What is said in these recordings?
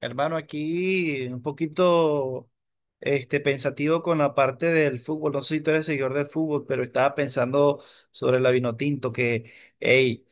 Hermano, aquí un poquito pensativo con la parte del fútbol. No sé si tú eres seguidor del fútbol, pero estaba pensando sobre la Vinotinto, que hey,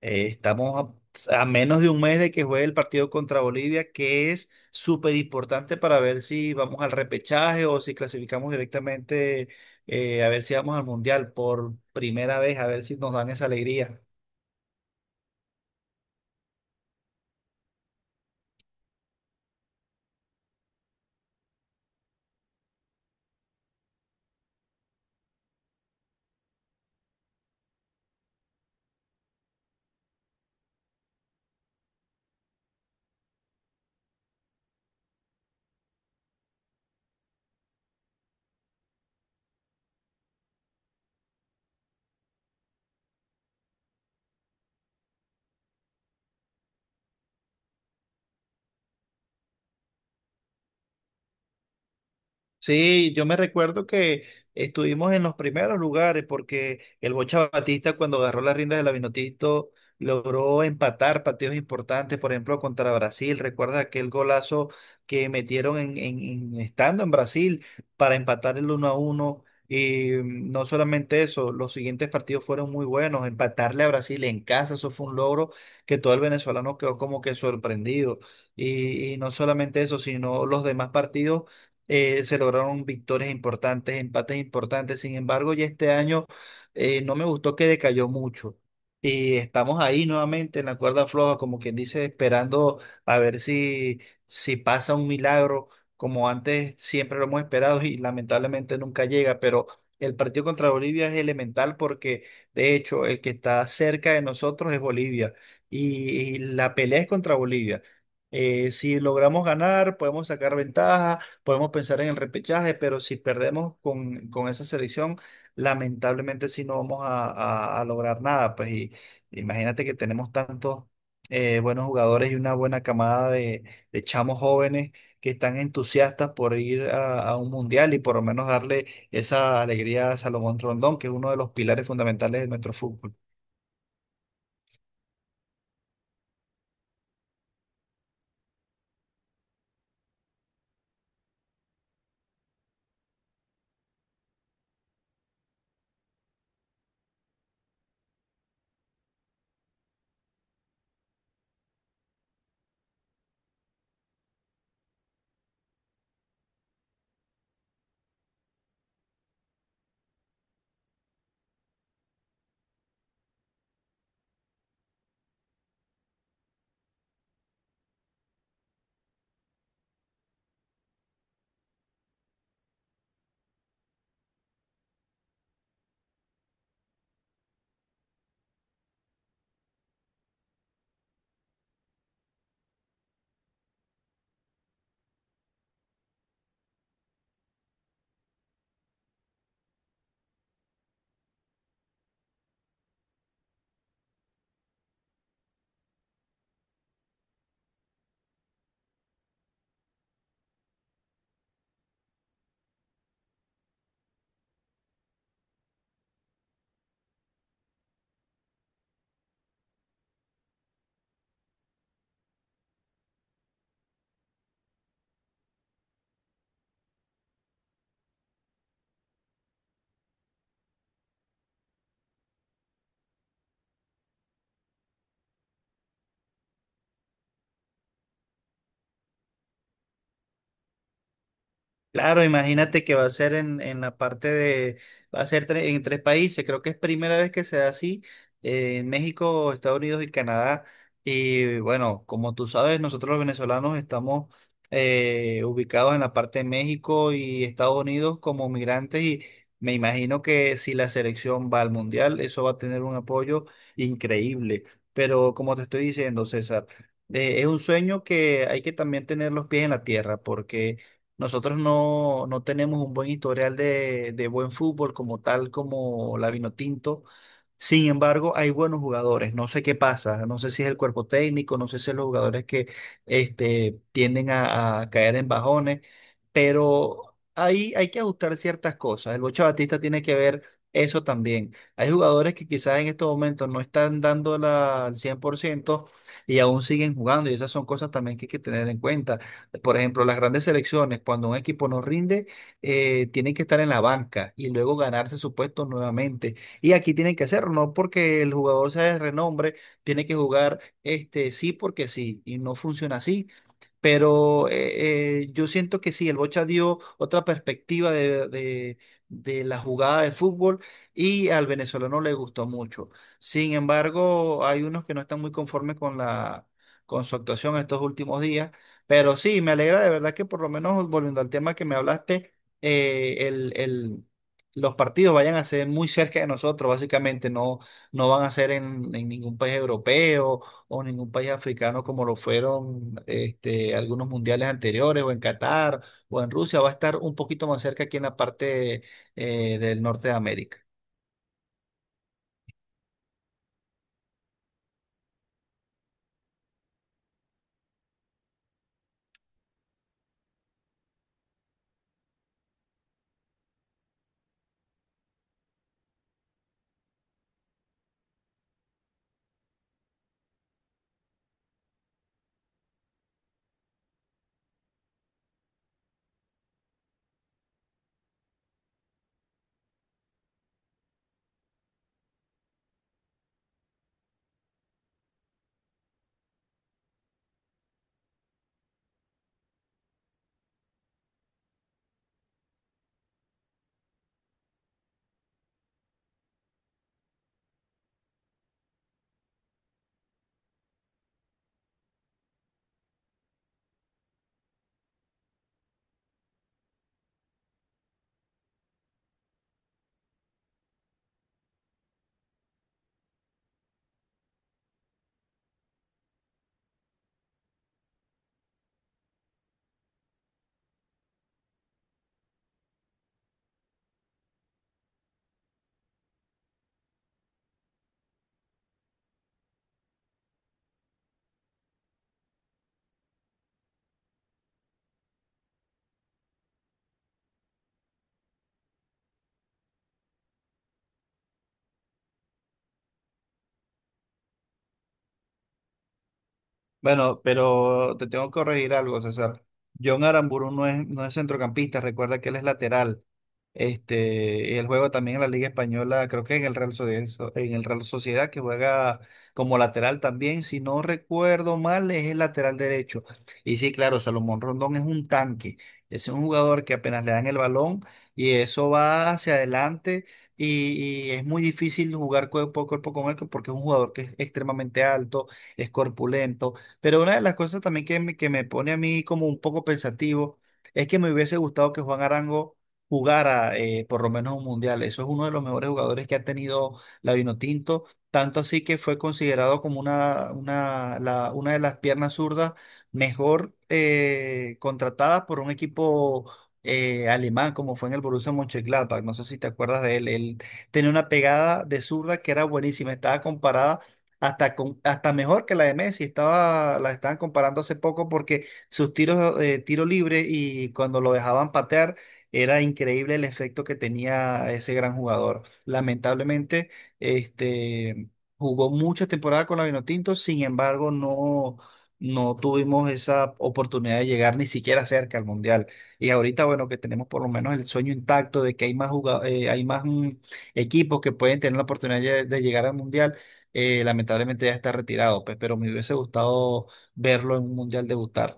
estamos a menos de un mes de que juegue el partido contra Bolivia, que es súper importante para ver si vamos al repechaje o si clasificamos directamente, a ver si vamos al Mundial por primera vez, a ver si nos dan esa alegría. Sí, yo me recuerdo que estuvimos en los primeros lugares porque el Bocha Batista cuando agarró las riendas del Vinotinto logró empatar partidos importantes, por ejemplo, contra Brasil. ¿Recuerdas aquel golazo que metieron estando en Brasil para empatar el 1 a uno. Y no solamente eso, los siguientes partidos fueron muy buenos. Empatarle a Brasil en casa, eso fue un logro que todo el venezolano quedó como que sorprendido. y y no solamente eso, sino los demás partidos se lograron victorias importantes, empates importantes. Sin embargo, ya este año no me gustó que decayó mucho. Y estamos ahí nuevamente en la cuerda floja, como quien dice, esperando a ver si pasa un milagro, como antes siempre lo hemos esperado y lamentablemente nunca llega, pero el partido contra Bolivia es elemental porque, de hecho, el que está cerca de nosotros es Bolivia y la pelea es contra Bolivia. Si logramos ganar, podemos sacar ventaja. Podemos pensar en el repechaje, pero si perdemos con esa selección, lamentablemente sí no vamos a lograr nada. Pues y imagínate que tenemos tantos buenos jugadores y una buena camada de chamos jóvenes que están entusiastas por ir a un mundial y por lo menos darle esa alegría a Salomón Rondón, que es uno de los pilares fundamentales de nuestro fútbol. Claro, imagínate que va a ser en la parte de, va a ser en tres países, creo que es primera vez que se da así, en México, Estados Unidos y Canadá. Y bueno, como tú sabes, nosotros los venezolanos estamos ubicados en la parte de México y Estados Unidos como migrantes y me imagino que si la selección va al mundial, eso va a tener un apoyo increíble. Pero como te estoy diciendo, César, es un sueño que hay que también tener los pies en la tierra porque. Nosotros no, no tenemos un buen historial de buen fútbol como tal, como la Vinotinto. Sin embargo, hay buenos jugadores. No sé qué pasa. No sé si es el cuerpo técnico, no sé si es los jugadores que tienden a caer en bajones, pero ahí hay que ajustar ciertas cosas. El Bocha Batista tiene que ver eso también. Hay jugadores que quizás en estos momentos no están dando la, al 100% y aún siguen jugando, y esas son cosas también que hay que tener en cuenta. Por ejemplo, las grandes selecciones, cuando un equipo no rinde, tienen que estar en la banca y luego ganarse su puesto nuevamente. Y aquí tienen que hacerlo, no porque el jugador sea de renombre, tiene que jugar este sí porque sí, y no funciona así. Pero yo siento que sí, el Bocha dio otra perspectiva de la jugada de fútbol y al venezolano le gustó mucho. Sin embargo, hay unos que no están muy conformes con la, con su actuación estos últimos días. Pero sí, me alegra de verdad que por lo menos volviendo al tema que me hablaste, eh, el, el- los partidos vayan a ser muy cerca de nosotros, básicamente, no, no van a ser en ningún país europeo o ningún país africano como lo fueron algunos mundiales anteriores, o en Qatar, o en Rusia, va a estar un poquito más cerca aquí en la parte del norte de América. Bueno, pero te tengo que corregir algo, César. John Aramburu no es centrocampista, recuerda que él es lateral. Él juega también en la Liga Española, creo que en el Real Sociedad, que juega como lateral también. Si no recuerdo mal, es el lateral derecho. Y sí, claro, Salomón Rondón es un tanque. Es un jugador que apenas le dan el balón y eso va hacia adelante. Y es muy difícil jugar cuerpo a cuerpo con él porque es un jugador que es extremadamente alto, es corpulento. Pero una de las cosas también que me pone a mí como un poco pensativo es que me hubiese gustado que Juan Arango jugara por lo menos un mundial. Eso es uno de los mejores jugadores que ha tenido la Vinotinto, tanto así que fue considerado como una de las piernas zurdas mejor contratadas por un equipo alemán, como fue en el Borussia Mönchengladbach. No sé si te acuerdas de él. Él tenía una pegada de zurda que era buenísima, estaba comparada. Hasta mejor que la de Messi, estaba, la estaban comparando hace poco porque sus tiros de tiro libre y cuando lo dejaban patear era increíble el efecto que tenía ese gran jugador. Lamentablemente, este, jugó muchas temporadas con la Vinotinto, sin embargo, no, no tuvimos esa oportunidad de llegar ni siquiera cerca al Mundial. Y ahorita, bueno, que tenemos por lo menos el sueño intacto de que hay más equipos que pueden tener la oportunidad de llegar al Mundial. Lamentablemente ya está retirado, pues, pero me hubiese gustado verlo en un Mundial debutar.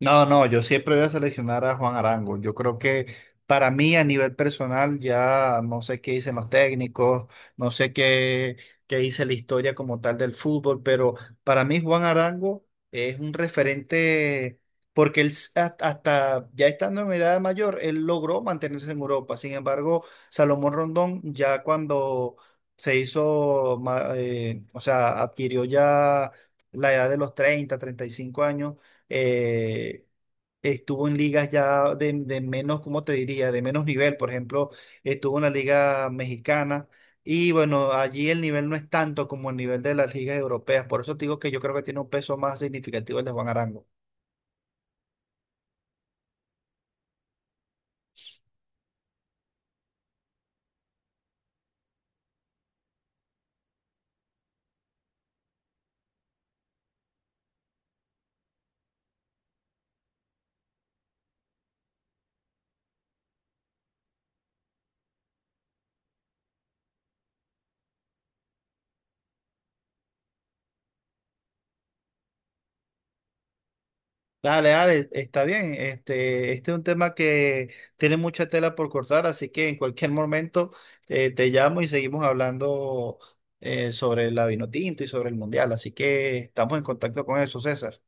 No, no, yo siempre voy a seleccionar a Juan Arango. Yo creo que para mí a nivel personal ya no sé qué dicen los técnicos, no sé qué dice la historia como tal del fútbol, pero para mí Juan Arango es un referente porque él hasta ya estando en edad mayor, él logró mantenerse en Europa. Sin embargo, Salomón Rondón ya cuando se hizo, o sea, adquirió ya la edad de los 30, 35 años eh, estuvo en ligas ya de menos, ¿cómo te diría? De menos nivel, por ejemplo, estuvo en la liga mexicana y bueno, allí el nivel no es tanto como el nivel de las ligas europeas, por eso te digo que yo creo que tiene un peso más significativo el de Juan Arango. Dale, dale, está bien. Este es un tema que tiene mucha tela por cortar, así que en cualquier momento te llamo y seguimos hablando sobre la Vinotinto y sobre el Mundial. Así que estamos en contacto con eso, César.